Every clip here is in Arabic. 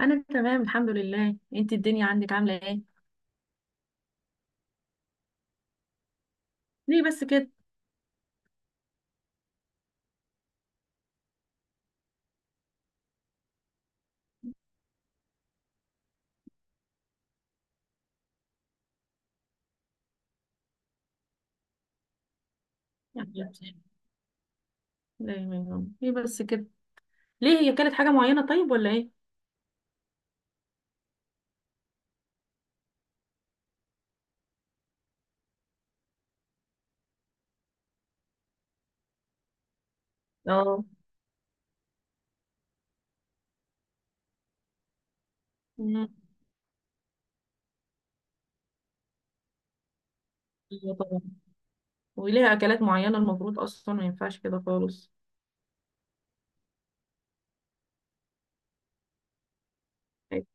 انا تمام الحمد لله، انت الدنيا عندك عامله ايه؟ ليه بس كده؟ يعني ليه بس كده؟ ليه هي اكلت حاجه معينه طيب ولا ايه؟ اه. مم. ايوه طبعا. وليها اكلات معينه المفروض اصلا ما ينفعش كده خالص.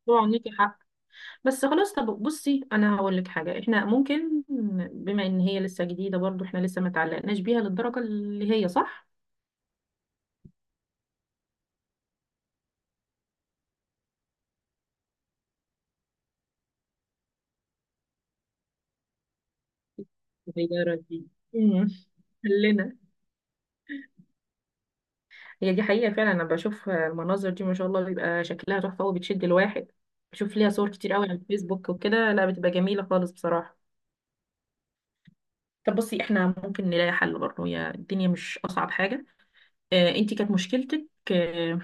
طبعا ليكي حق. بس خلاص، طب بصي انا هقول لك حاجه، احنا ممكن بما ان هي لسه جديده برضو احنا لسه ما تعلقناش بيها للدرجه اللي هي، صح؟ الصغيرة دي. مم. خلينا. هي دي حقيقة فعلا، أنا بشوف المناظر دي ما شاء الله بيبقى شكلها تحفة وبتشد الواحد. بشوف ليها صور كتير قوي على الفيسبوك وكده، لا بتبقى جميلة خالص بصراحة. طب بصي، احنا ممكن نلاقي حل برضه، هي الدنيا مش أصعب حاجة. اه انتي كانت مشكلتك، اه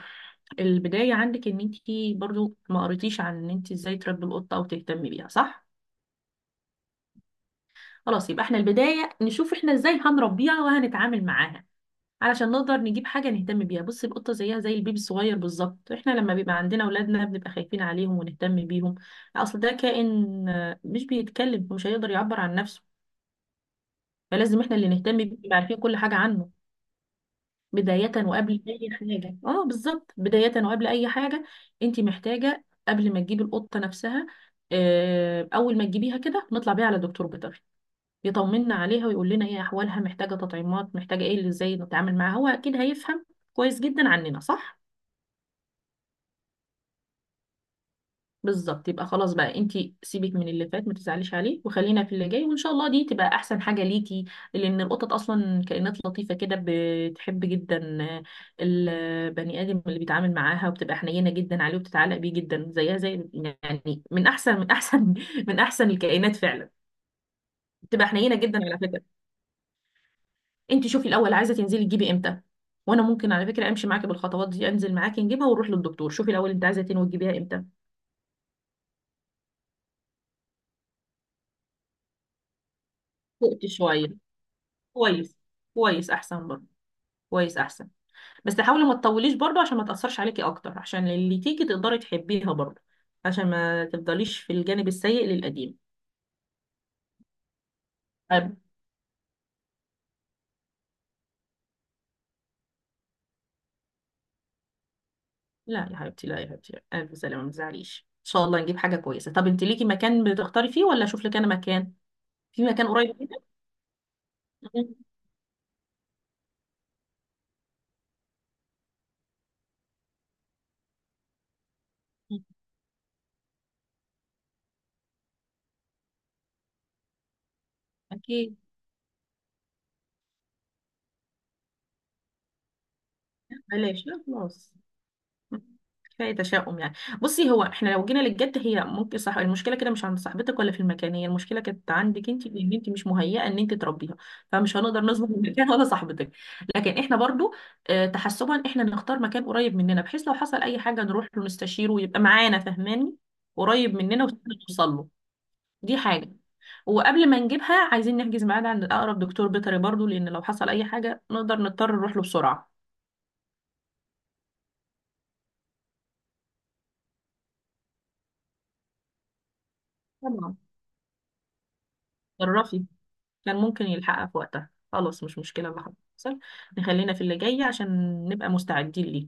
البداية عندك ان انتي برضه ما قريتيش عن ان انتي ازاي تربي القطة أو تهتمي بيها، صح؟ خلاص يبقى احنا البداية نشوف احنا ازاي هنربيها وهنتعامل معاها علشان نقدر نجيب حاجة نهتم بيها. بص، القطة زيها زي البيبي الصغير بالظبط، واحنا لما بيبقى عندنا اولادنا بنبقى خايفين عليهم ونهتم بيهم. اصل ده كائن، مش بيتكلم ومش هيقدر يعبر عن نفسه، فلازم احنا اللي نهتم بيه نبقى عارفين كل حاجة عنه. بداية وقبل اي حاجة، بالظبط بداية وقبل اي حاجة انت محتاجة، قبل ما تجيبي القطة نفسها، اول ما تجيبيها كده نطلع بيها على دكتور بيطري يطمنا عليها ويقول لنا هي احوالها محتاجه تطعيمات، محتاجه ايه، اللي ازاي نتعامل معاها، هو اكيد هيفهم كويس جدا عننا، صح؟ بالظبط، يبقى خلاص بقى، انت سيبك من اللي فات ما تزعليش عليه وخلينا في اللي جاي وان شاء الله دي تبقى احسن حاجه ليكي. لان القطط اصلا كائنات لطيفه كده، بتحب جدا البني ادم اللي بيتعامل معاها وبتبقى حنينه جدا عليه وبتتعلق بيه جدا، زيها زي يعني، من احسن، من احسن الكائنات فعلا. بتبقى حنينه جدا على فكره. انت شوفي الاول، عايزه تنزلي تجيبي امتى؟ وانا ممكن على فكره امشي معاكي بالخطوات دي، انزل معاكي نجيبها ونروح للدكتور، شوفي الاول انت عايزه تنوي تجيبيها امتى؟ وقت شويه، كويس. كويس احسن برضه، كويس احسن. بس حاولي ما تطوليش برضه عشان ما تاثرش عليكي اكتر، عشان اللي تيجي تقدري تحبيها برضه، عشان ما تفضليش في الجانب السيء للقديم. أب... لا يا حبيبتي، لا يا حبيبتي، الف سلامه، ما تزعليش ان شاء الله نجيب حاجه كويسه. طب انت ليكي مكان بتختاري فيه، ولا اشوف لك انا مكان في مكان قريب كده؟ اكيد. بلاش، لا خلاص، كفايه تشاؤم يعني. بصي هو احنا لو جينا للجد، هي ممكن صح المشكله كده مش عند صاحبتك ولا في المكان، هي المشكله كانت عندك انت، لان انت مش مهيئه ان انت تربيها، فمش هنقدر نظبط المكان ولا صاحبتك. لكن احنا برضو، تحسبا، احنا نختار مكان قريب مننا بحيث لو حصل اي حاجه نروح له نستشيره ويبقى معانا، فهماني؟ قريب مننا ونوصل له. دي حاجه، وقبل ما نجيبها عايزين نحجز ميعاد عند اقرب دكتور بيطري برضو، لان لو حصل اي حاجه نقدر نضطر نروح له بسرعه. طبعا. تصرفي. كان ممكن يلحقها في وقتها، خلاص مش مشكلة اللي حصل، نخلينا في اللي جاي عشان نبقى مستعدين ليه.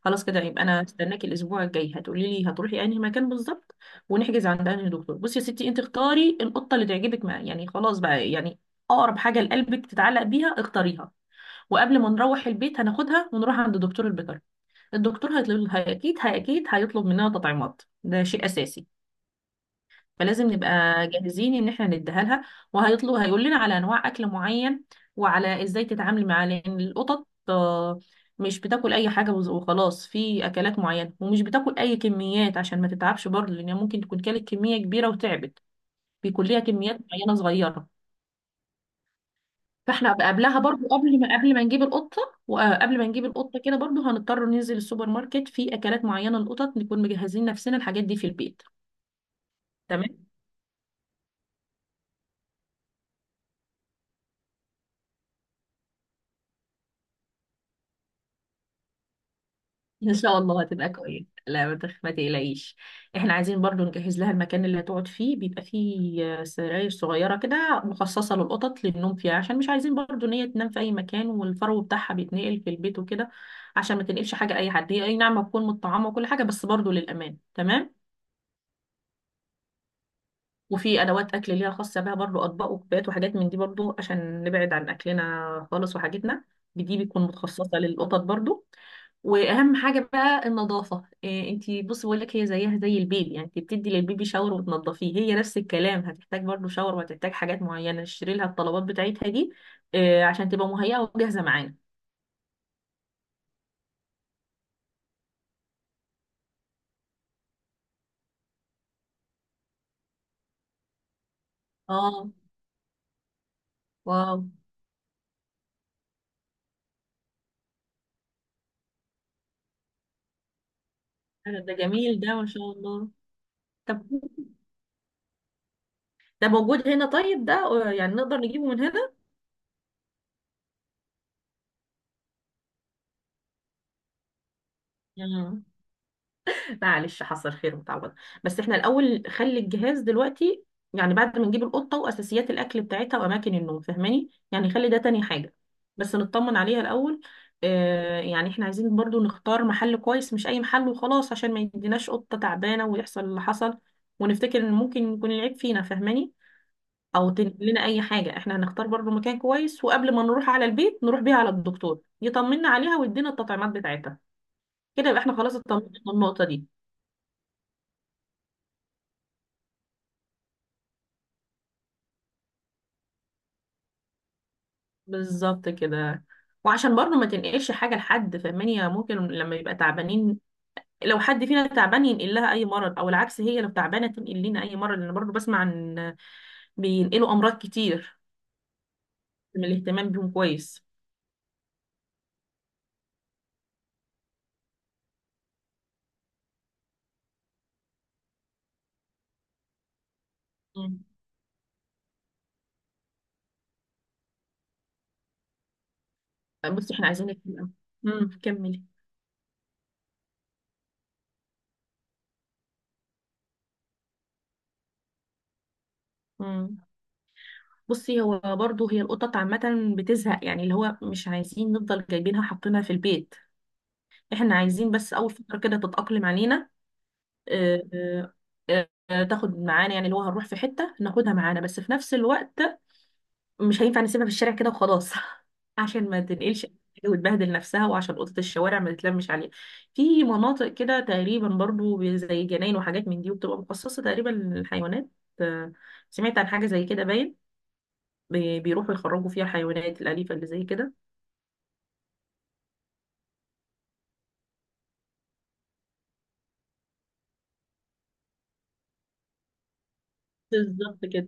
خلاص كده، يبقى انا هستناكي الاسبوع الجاي، هتقولي لي هتروحي انهي مكان بالظبط ونحجز عند انهي دكتور. بصي يا ستي، انت اختاري القطة اللي تعجبك، ما يعني خلاص بقى، يعني اقرب حاجة لقلبك تتعلق بيها اختاريها. وقبل ما نروح البيت هناخدها ونروح عند دكتور البيطري. الدكتور هيطلب، اكيد هيطلب مننا تطعيمات، ده شيء اساسي، فلازم نبقى جاهزين ان احنا نديها لها. وهيطلب، هيقول لنا على انواع اكل معين وعلى ازاي تتعامل معاه، لان القطط، مش بتاكل اي حاجه، وخلاص في اكلات معينه، ومش بتاكل اي كميات عشان ما تتعبش برضه، لان ممكن تكون كانت كميه كبيره وتعبت، بيكون ليها كميات معينه صغيره. فاحنا بقى قبلها برضو، قبل ما، نجيب القطه، وقبل ما نجيب القطه كده برضو هنضطر ننزل السوبر ماركت في اكلات معينه للقطط، نكون مجهزين نفسنا الحاجات دي في البيت. تمام. ان شاء الله هتبقى كويس، لا ما تقلقيش. احنا عايزين برضو نجهز لها المكان اللي هتقعد فيه، بيبقى فيه سراير صغيره كده مخصصه للقطط للنوم فيها، عشان مش عايزين برضو ان هي تنام في اي مكان والفرو بتاعها بيتنقل في البيت وكده، عشان ما تنقلش حاجه اي حد، هي اي نعم هتكون متطعمه وكل حاجه، بس برضو للامان، تمام. وفي ادوات اكل ليها خاصه بها برضو، اطباق وكبات وحاجات من دي برضو، عشان نبعد عن اكلنا خالص وحاجتنا، دي بيكون مخصصه للقطط برضو. واهم حاجه بقى النظافه، إيه؟ انتي بصي بقول لك، هي زيها زي البيبي، يعني انت بتدي للبيبي شاور وتنضفيه، هي نفس الكلام، هتحتاج برضو شاور وهتحتاج حاجات معينه تشتري لها، الطلبات بتاعتها دي، إيه، عشان تبقى مهيئه وجاهزه معانا. اه واو، أنا، ده جميل ده، ما شاء الله. طب ده موجود هنا؟ طيب ده، يعني نقدر نجيبه من هنا. آه. معلش، حصل خير وتعوض، بس احنا الاول خلي الجهاز دلوقتي، يعني بعد ما نجيب القطه واساسيات الاكل بتاعتها واماكن النوم، فاهماني؟ يعني خلي ده تاني حاجه، بس نطمن عليها الاول. يعني احنا عايزين برضو نختار محل كويس، مش اي محل وخلاص، عشان ما يديناش قطه تعبانه ويحصل اللي حصل ونفتكر ان ممكن يكون العيب فينا، فاهماني؟ او تنقل لنا اي حاجه، احنا هنختار برضو مكان كويس، وقبل ما نروح على البيت نروح بيها على الدكتور يطمنا عليها ويدينا التطعيمات بتاعتها، كده يبقى احنا خلاص اطمننا من النقطه دي. بالظبط كده، وعشان برضه ما تنقلش حاجة لحد، فاهماني؟ يعني ممكن لما يبقى تعبانين، لو حد فينا تعبان ينقل لها أي مرض، أو العكس هي لو تعبانة تنقل لنا أي مرض، لأن برضه بسمع عن، بينقلوا أمراض كتير من الاهتمام بيهم كويس. مم. بصي احنا عايزين نتكلم، كملي. مم. بصي هو برضه، هي القطط عامة بتزهق، يعني اللي هو مش عايزين نفضل جايبينها حاطينها في البيت، احنا عايزين بس أول فترة كده تتأقلم علينا، آه، آه، تاخد معانا، يعني اللي هو هنروح في حتة ناخدها معانا، بس في نفس الوقت مش هينفع نسيبها في الشارع كده وخلاص عشان ما تنقلش وتبهدل نفسها، وعشان قطط الشوارع ما تتلمش عليها. في مناطق كده تقريبا برضو زي جناين وحاجات من دي، وبتبقى مخصصة تقريبا للحيوانات، آه، سمعت عن حاجة زي كده باين، بيروحوا يخرجوا فيها الحيوانات الأليفة اللي زي كده. بالظبط كده،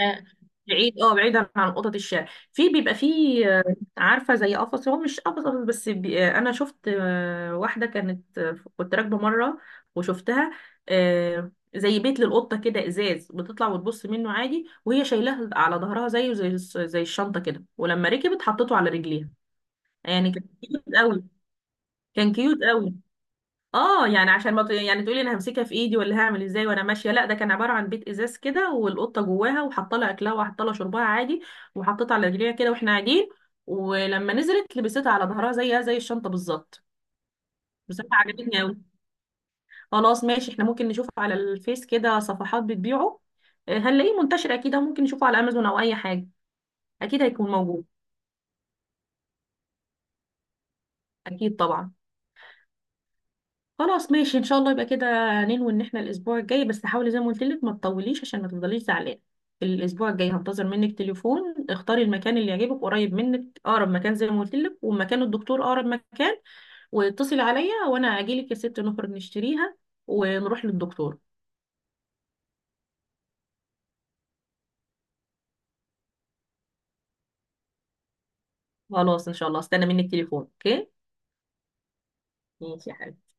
آه، بعيد، بعيدا عن قطط الشارع. في، بيبقى فيه، عارفه زي قفص، هو مش قفص قفص، بس انا شفت، واحده كانت، كنت راكبه مره وشفتها، زي بيت للقطه كده، ازاز، بتطلع وتبص منه عادي، وهي شايلاه على ظهرها زيه زي الشنطه كده، ولما ركبت حطته على رجليها، يعني كان كيوت قوي. كان كيوت قوي. اه يعني عشان ما ت... يعني تقولي انا همسكها في ايدي ولا هعمل ازاي وانا ماشيه، لا، ده كان عباره عن بيت ازاز كده، والقطه جواها وحاطه لها اكلها وحاطه لها شربها عادي، وحطيتها على رجليها كده واحنا قاعدين، ولما نزلت لبستها على ظهرها زيها زي الشنطه بالظبط. بصراحه عجبتني قوي. خلاص ماشي، احنا ممكن نشوف على الفيس كده صفحات بتبيعه، هنلاقيه منتشر اكيد، أو ممكن نشوفه على امازون او اي حاجه، اكيد هيكون موجود. اكيد طبعا. خلاص ماشي ان شاء الله، يبقى كده ننوي ان احنا الاسبوع الجاي، بس حاولي زي ما قلت لك ما تطوليش عشان ما تفضليش زعلانه. الاسبوع الجاي هنتظر منك تليفون، اختاري المكان اللي يعجبك قريب منك، اقرب مكان زي ما قلت لك، ومكان الدكتور اقرب مكان، واتصلي عليا وانا اجي لك يا ست، نخرج نشتريها ونروح للدكتور. خلاص ان شاء الله، استنى منك تليفون، اوكي. ماشي يا حبيبتي.